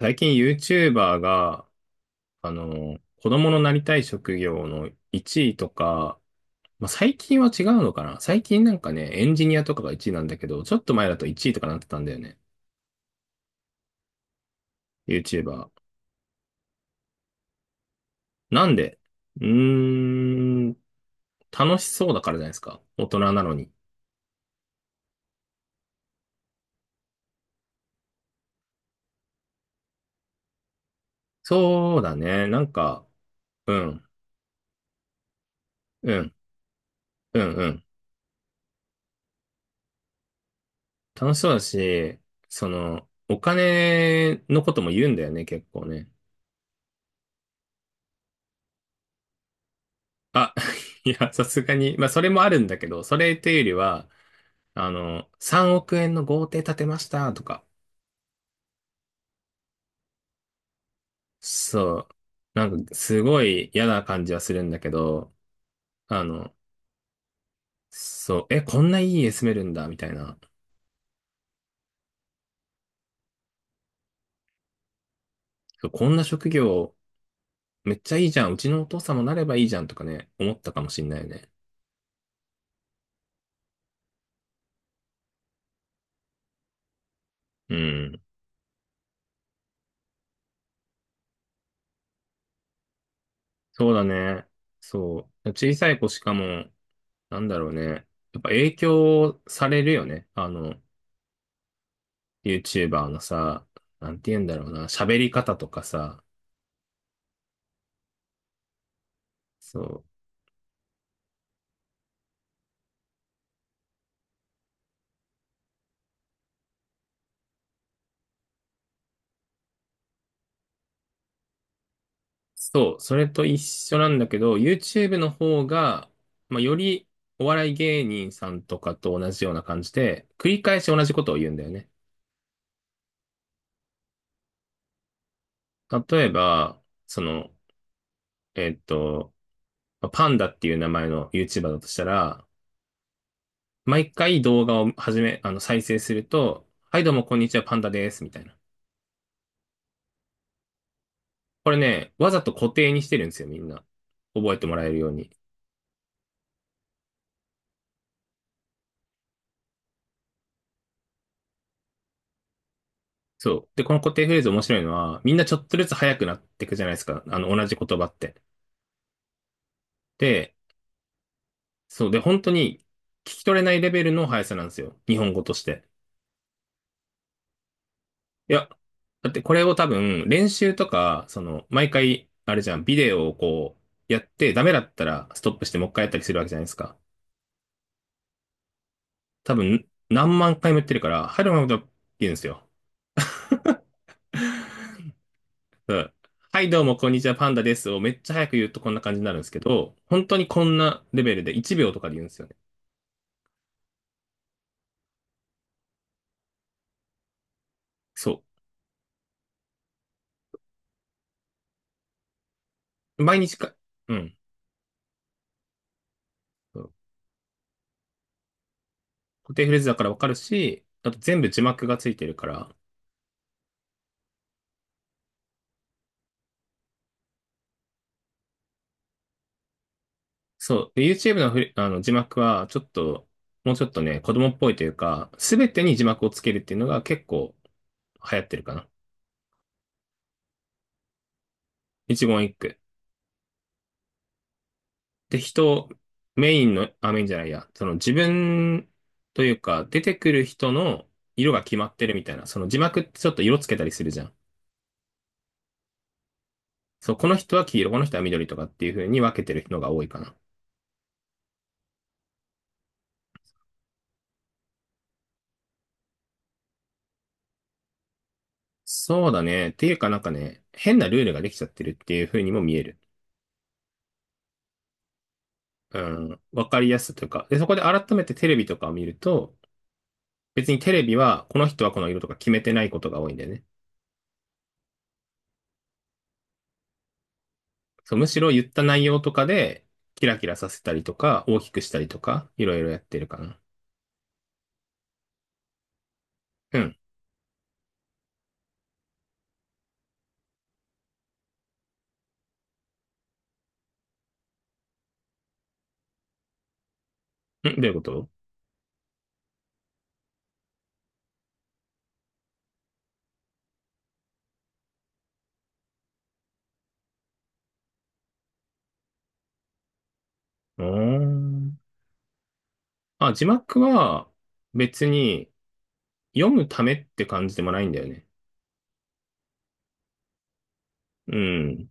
最近 YouTuber が、子供のなりたい職業の1位とか、まあ、最近は違うのかな。最近なんかね、エンジニアとかが1位なんだけど、ちょっと前だと1位とかなってたんだよね。YouTuber。なんでうーん、楽しそうだからじゃないですか。大人なのに。そうだね。なんか、うん、うん、うん、うん。楽しそうだし、その、お金のことも言うんだよね、結構ね。あ、いや、さすがに、まあ、それもあるんだけど、それというよりは、3億円の豪邸建てましたとか、そう、なんか、すごい嫌な感じはするんだけど、あの、そう、え、こんないい家住めるんだ、みたいな、そうこんな職業、めっちゃいいじゃん、うちのお父さんもなればいいじゃんとかね、思ったかもしんないよね。うん、そうだね。そう、小さい子しかも、なんだろうね、やっぱ影響されるよね。あのYouTuber のさ、なんて言うんだろうな、喋り方とかさ、そう、そう、それと一緒なんだけど、YouTube の方が、まあ、より、お笑い芸人さんとかと同じような感じで、繰り返し同じことを言うんだよね。例えば、その、えっと、まあパンダっていう名前の YouTuber だとしたら、毎回動画を始め、再生すると、はい、どうも、こんにちは、パンダです、みたいな。これね、わざと固定にしてるんですよ、みんな。覚えてもらえるように。そう。で、この固定フレーズ面白いのは、みんなちょっとずつ速くなっていくじゃないですか。あの、同じ言葉って。で、そう。で、本当に聞き取れないレベルの速さなんですよ。日本語として。いや、だってこれを多分、練習とか、その、毎回、あれじゃん、ビデオをこう、やって、ダメだったらストップしてもう一回やったりするわけじゃないですか。多分、何万回もやってるから、はい、どうもどうもって言うんですよ。うん。はい、どうも、こんにちは、パンダですをめっちゃ早く言うとこんな感じになるんですけど、本当にこんなレベルで1秒とかで言うんですよね。そう。毎日か、うん。そう。固定フレーズだからわかるし、あと全部字幕がついてるから、そう。で YouTube のあの字幕は、ちょっと、もうちょっとね、子供っぽいというか、すべてに字幕をつけるっていうのが結構流行ってるかな。一言一句。で、人、メインの、あ、メインじゃないや、その自分というか、出てくる人の色が決まってるみたいな、その字幕ってちょっと色つけたりするじゃん。そう、この人は黄色、この人は緑とかっていう風に分けてる人が多いかな。そうだね。っていうかなんかね、変なルールができちゃってるっていう風にも見える。うん、わかりやすさというか。で、そこで改めてテレビとかを見ると、別にテレビはこの人はこの色とか決めてないことが多いんだよね。そう、むしろ言った内容とかで、キラキラさせたりとか、大きくしたりとか、いろいろやってるかな。うん。うん、どういうこと？おー、あ、字幕は別に読むためって感じでもないんだよね。うん。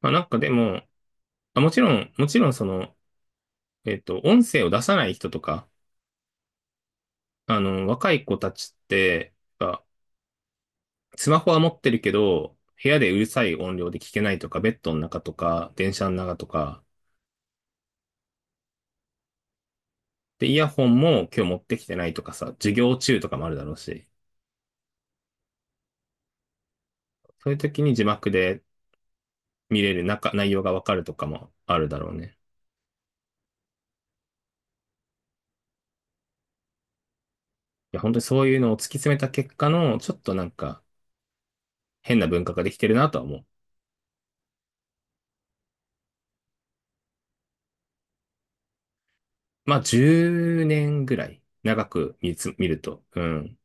まあなんかでも、あ、もちろん、もちろんその、音声を出さない人とか、あの、若い子たちって、あスマホは持ってるけど、部屋でうるさい音量で聞けないとか、ベッドの中とか、電車の中とか、で、イヤホンも今日持ってきてないとかさ、授業中とかもあるだろうし、そういう時に字幕で見れる中、内容がわかるとかもあるだろうね。いや、本当にそういうのを突き詰めた結果の、ちょっとなんか変な文化ができてるなとは思う。まあ、10年ぐらい長く見ると。うん。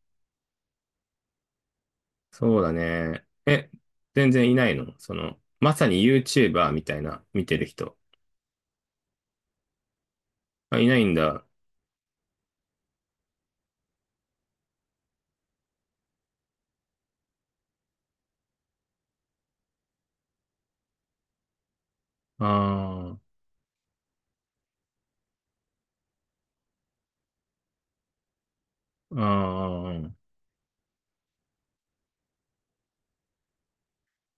そうだね。え、全然いないのその、まさに YouTuber みたいな見てる人。あ、いないんだ。ああ、ああ、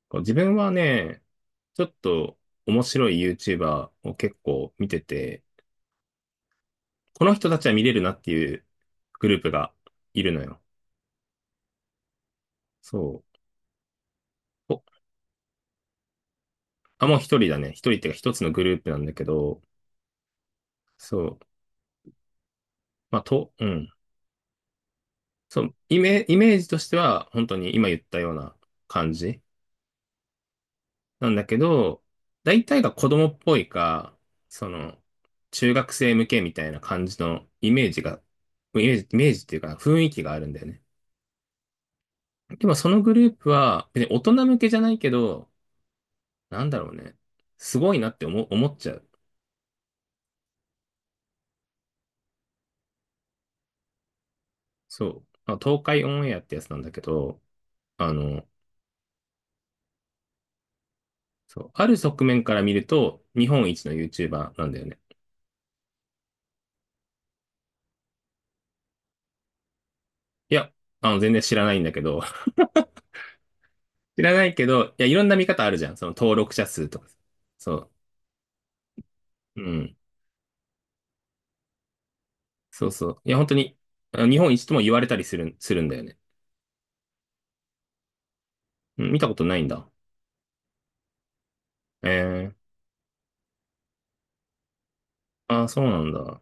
こう自分はね、ちょっと面白い YouTuber を結構見てて、この人たちは見れるなっていうグループがいるのよ。そう。お、あ、もう一人だね。一人っていうか一つのグループなんだけど、そう。まあ、と、うん。そう、イメージとしては本当に今言ったような感じなんだけど、大体が子供っぽいか、その、中学生向けみたいな感じのイメージが、イメージっていうか雰囲気があるんだよね。でもそのグループは、別に大人向けじゃないけど、なんだろうね。すごいなって思っちゃう。そう。まあ東海オンエアってやつなんだけど、あの、そう。ある側面から見ると、日本一の YouTuber なんだよね。いや、あの、全然知らないんだけど、知らないけど、いや、いろんな見方あるじゃん。その登録者数とか。そう。うん。そうそう。いや、本当に、あの日本一とも言われたりするんだよね。うん、見たことないんだ。えー、ああ、そうなんだ。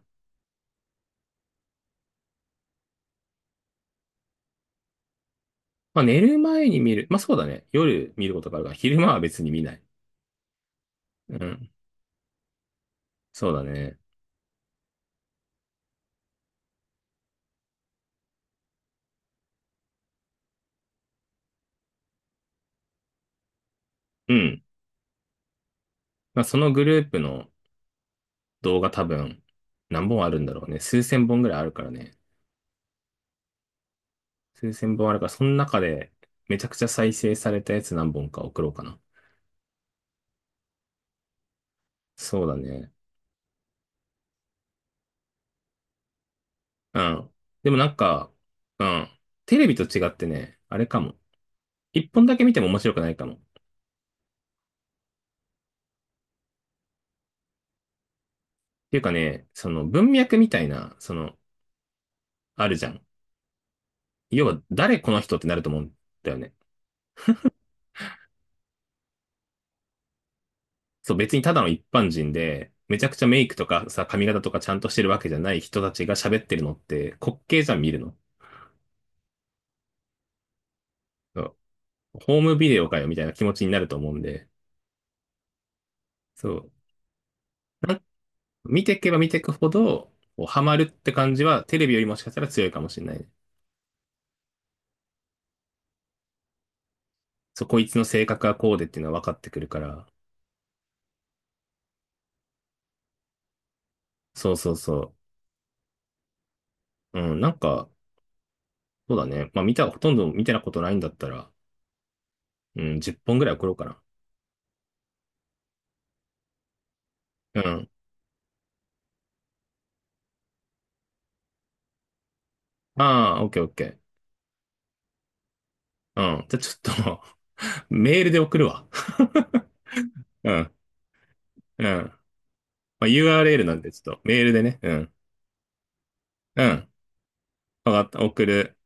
まあ寝る前に見る。まあそうだね。夜見ることがあるから、昼間は別に見ない。うん。そうだね。うん。まあそのグループの動画多分何本あるんだろうね。数千本ぐらいあるからね。数千本あるから、その中でめちゃくちゃ再生されたやつ何本か送ろうかな。そうだね。うん。でもなんか、うん。テレビと違ってね、あれかも。一本だけ見ても面白くないかも。っていうかね、その文脈みたいな、その、あるじゃん。要は誰この人ってなると思うんだよね。そう、別にただの一般人で、めちゃくちゃメイクとかさ、髪型とかちゃんとしてるわけじゃない人たちが喋ってるのって滑稽じゃん見るの。そうホームビデオかよみたいな気持ちになると思うんで、そう。なん見ていけば見ていくほど、こうハマるって感じはテレビよりもしかしたら強いかもしれないね。そう、こいつの性格はこうでっていうのは分かってくるから。そうそうそう。うん、なんか、そうだね。まあ見た、ほとんど見てなことないんだったら、うん、10本ぐらい送ろうかな。うん。ああ、オッケーオッケー。うん。じゃあちょっと メールで送るわ。うん。うん。まあ、URL なんで、ちょっとメールでね。うん。うん。わかった。送る。